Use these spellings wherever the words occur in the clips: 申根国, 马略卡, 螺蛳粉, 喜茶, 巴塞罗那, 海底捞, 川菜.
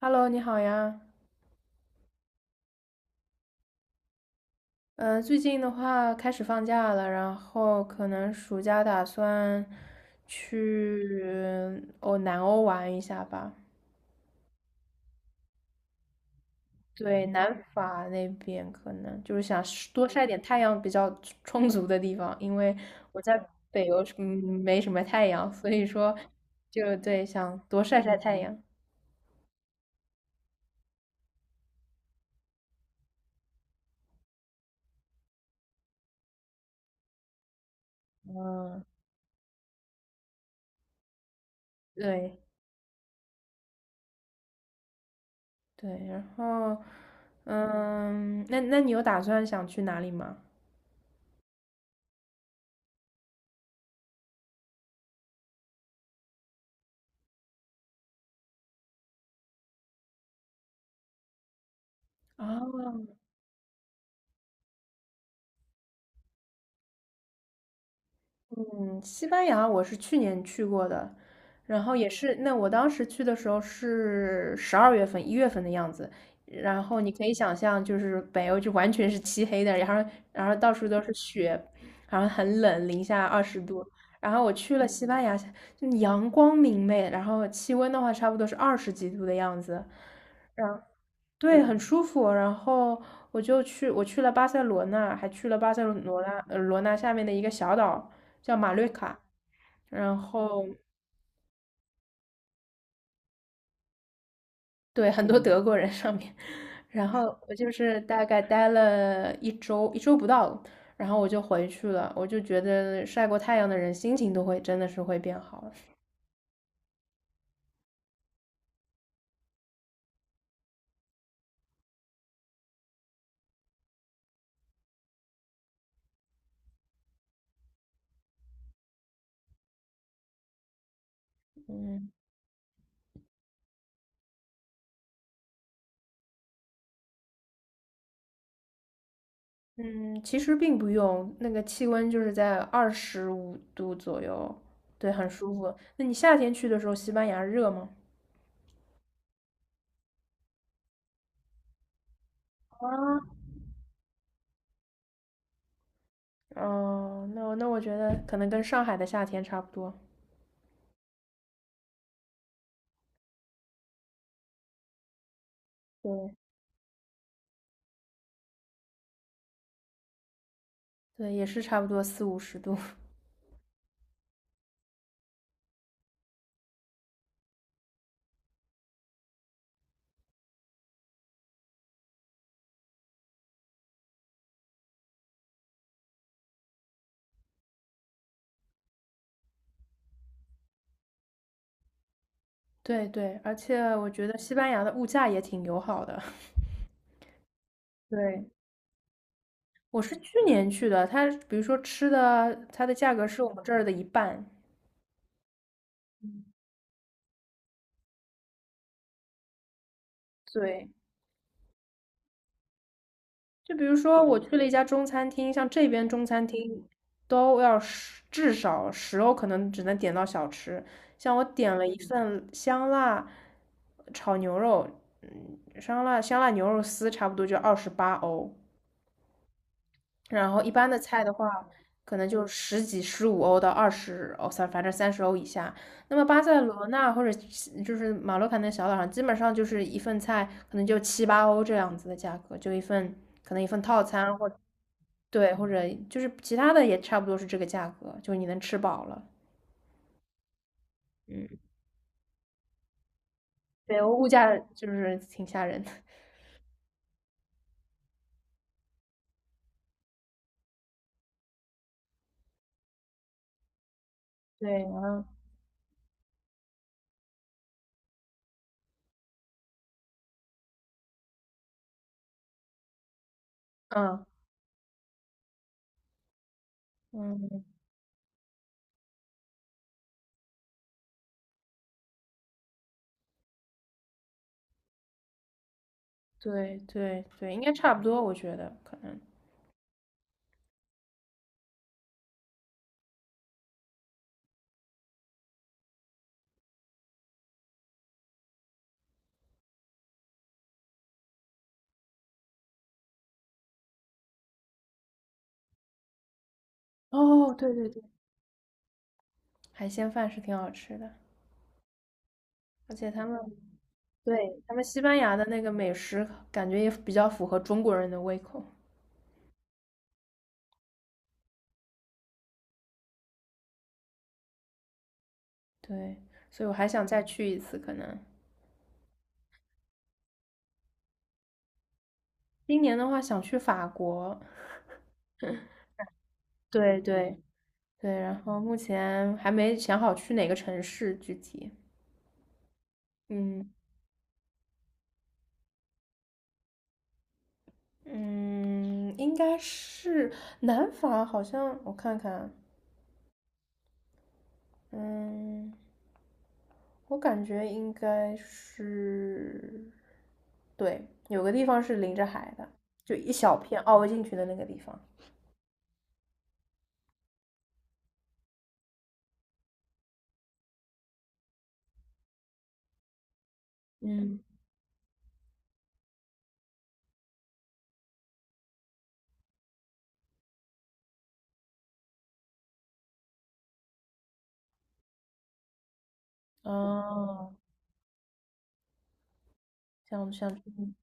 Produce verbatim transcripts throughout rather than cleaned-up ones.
Hello，你好呀。嗯，最近的话开始放假了，然后可能暑假打算去哦南欧玩一下吧。对，南法那边可能就是想是多晒点太阳比较充足的地方，因为我在北欧是嗯没什么太阳，所以说就对想多晒晒太阳。嗯，对对，然后嗯，那那你有打算想去哪里吗？啊。嗯，西班牙我是去年去过的，然后也是，那我当时去的时候是十二月份、一月份的样子，然后你可以想象，就是北欧就完全是漆黑的，然后然后到处都是雪，然后很冷，零下二十度，然后我去了西班牙，就阳光明媚，然后气温的话差不多是二十几度的样子，然。对，很舒服。然后我就去，我去了巴塞罗那，还去了巴塞罗那呃罗那下面的一个小岛叫马略卡。然后对，很多德国人上面。然后我就是大概待了一周，一周不到，然后我就回去了。我就觉得晒过太阳的人心情都会真的是会变好。嗯嗯，其实并不用，那个气温就是在二十五度左右，对，很舒服。那你夏天去的时候，西班牙热吗？啊，哦，那我那我觉得可能跟上海的夏天差不多。对对，也是差不多四五十度。对对，而且我觉得西班牙的物价也挺友好的。对，我是去年去的，它比如说吃的，它的价格是我们这儿的一半。对，就比如说，我去了一家中餐厅，像这边中餐厅都要十，至少十欧，可能只能点到小吃。像我点了一份香辣炒牛肉，嗯，香辣香辣牛肉丝，差不多就二十八欧。然后一般的菜的话，可能就十几、十五欧到二十欧，三反正三十欧以下。那么巴塞罗那或者西就是马洛卡那小岛上，基本上就是一份菜可能就七八欧这样子的价格，就一份可能一份套餐或。对，或者就是其他的也差不多是这个价格，就是你能吃饱了。嗯，北欧物价就是挺吓人的。对，然后嗯嗯，对对对，应该差不多，我觉得可能。哦，对对对，海鲜饭是挺好吃的，而且他们对他们西班牙的那个美食，感觉也比较符合中国人的胃口。对，所以我还想再去一次，可能今年的话想去法国。对对，对，然后目前还没想好去哪个城市具体。嗯嗯，应该是南法，好像我看看，嗯，我感觉应该是，对，有个地方是临着海的，就一小片凹进去的那个地方。嗯，哦，想想去，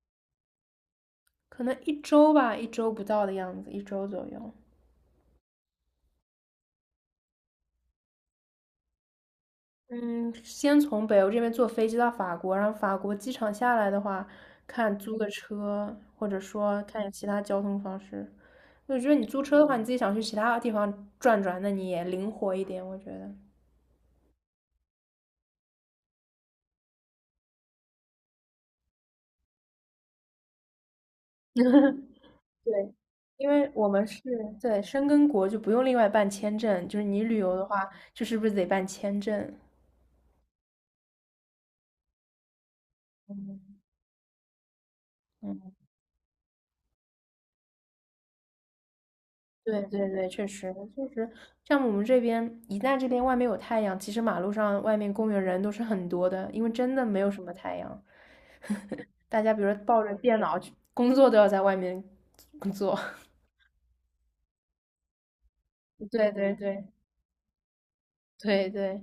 可能一周吧，一周不到的样子，一周左右。嗯，先从北欧这边坐飞机到法国，然后法国机场下来的话，看租个车，或者说看有其他交通方式。我觉得你租车的话，你自己想去其他地方转转，那你也灵活一点，我觉得。对，因为我们是对申根国，就不用另外办签证。就是你旅游的话，就是不是得办签证？嗯嗯。对对对，确实就是像我们这边，一旦这边外面有太阳，其实马路上外面公园人都是很多的，因为真的没有什么太阳，大家比如说抱着电脑去工作都要在外面工作。对对对对对，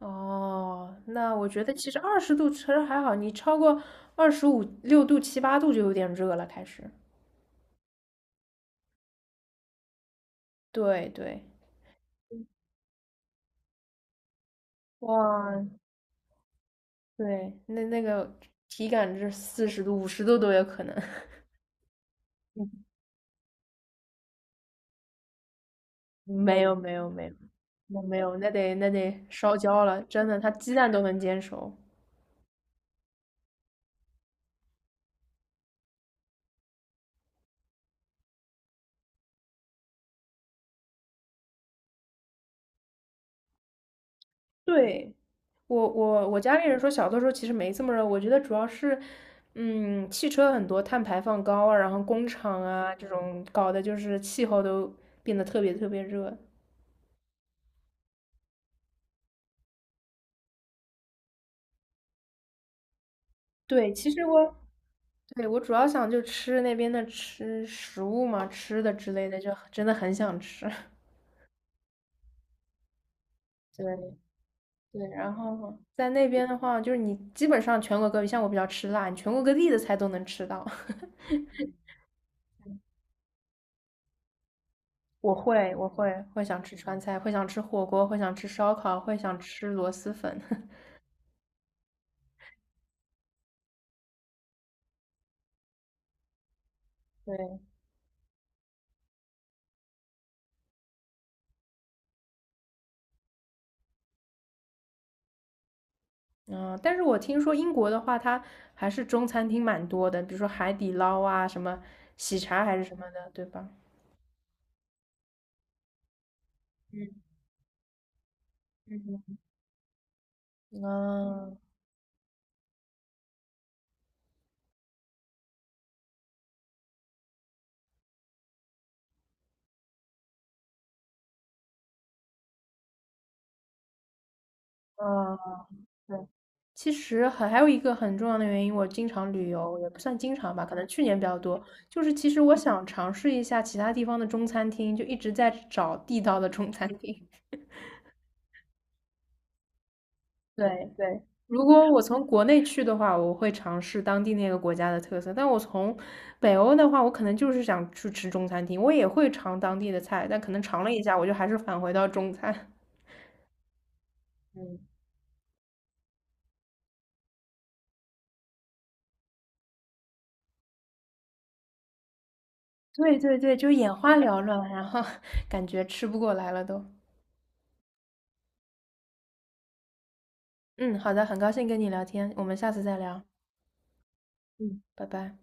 哦，那我觉得其实二十度其实还好，你超过二十五六度、七八度就有点热了，开始。对对，哇，对，那那个体感是四十度、五十度都有可能。没有没有没有，那没有，那得那得烧焦了，真的，它鸡蛋都能煎熟。对，我我我家里人说小的时候其实没这么热，我觉得主要是，嗯，汽车很多碳排放高啊，然后工厂啊这种搞的就是气候都变得特别特别热。对，其实我对我主要想就吃那边的吃食物嘛，吃的之类的，就真的很想吃。对，对，然后在那边的话，就是你基本上全国各地，像我比较吃辣，你全国各地的菜都能吃到。我会，我会会想吃川菜，会想吃火锅，会想吃烧烤，会想吃螺蛳粉。对，嗯，但是我听说英国的话，它还是中餐厅蛮多的，比如说海底捞啊，什么喜茶还是什么的，对吧？嗯嗯嗯，嗯，啊，对。其实很还有一个很重要的原因，我经常旅游，也不算经常吧，可能去年比较多。就是其实我想尝试一下其他地方的中餐厅，就一直在找地道的中餐厅。对对，如果我从国内去的话，我会尝试当地那个国家的特色；但我从北欧的话，我可能就是想去吃中餐厅，我也会尝当地的菜，但可能尝了一下，我就还是返回到中餐。嗯，对对对，就眼花缭乱，然后 感觉吃不过来了都。嗯，好的，很高兴跟你聊天，我们下次再聊，嗯。拜拜。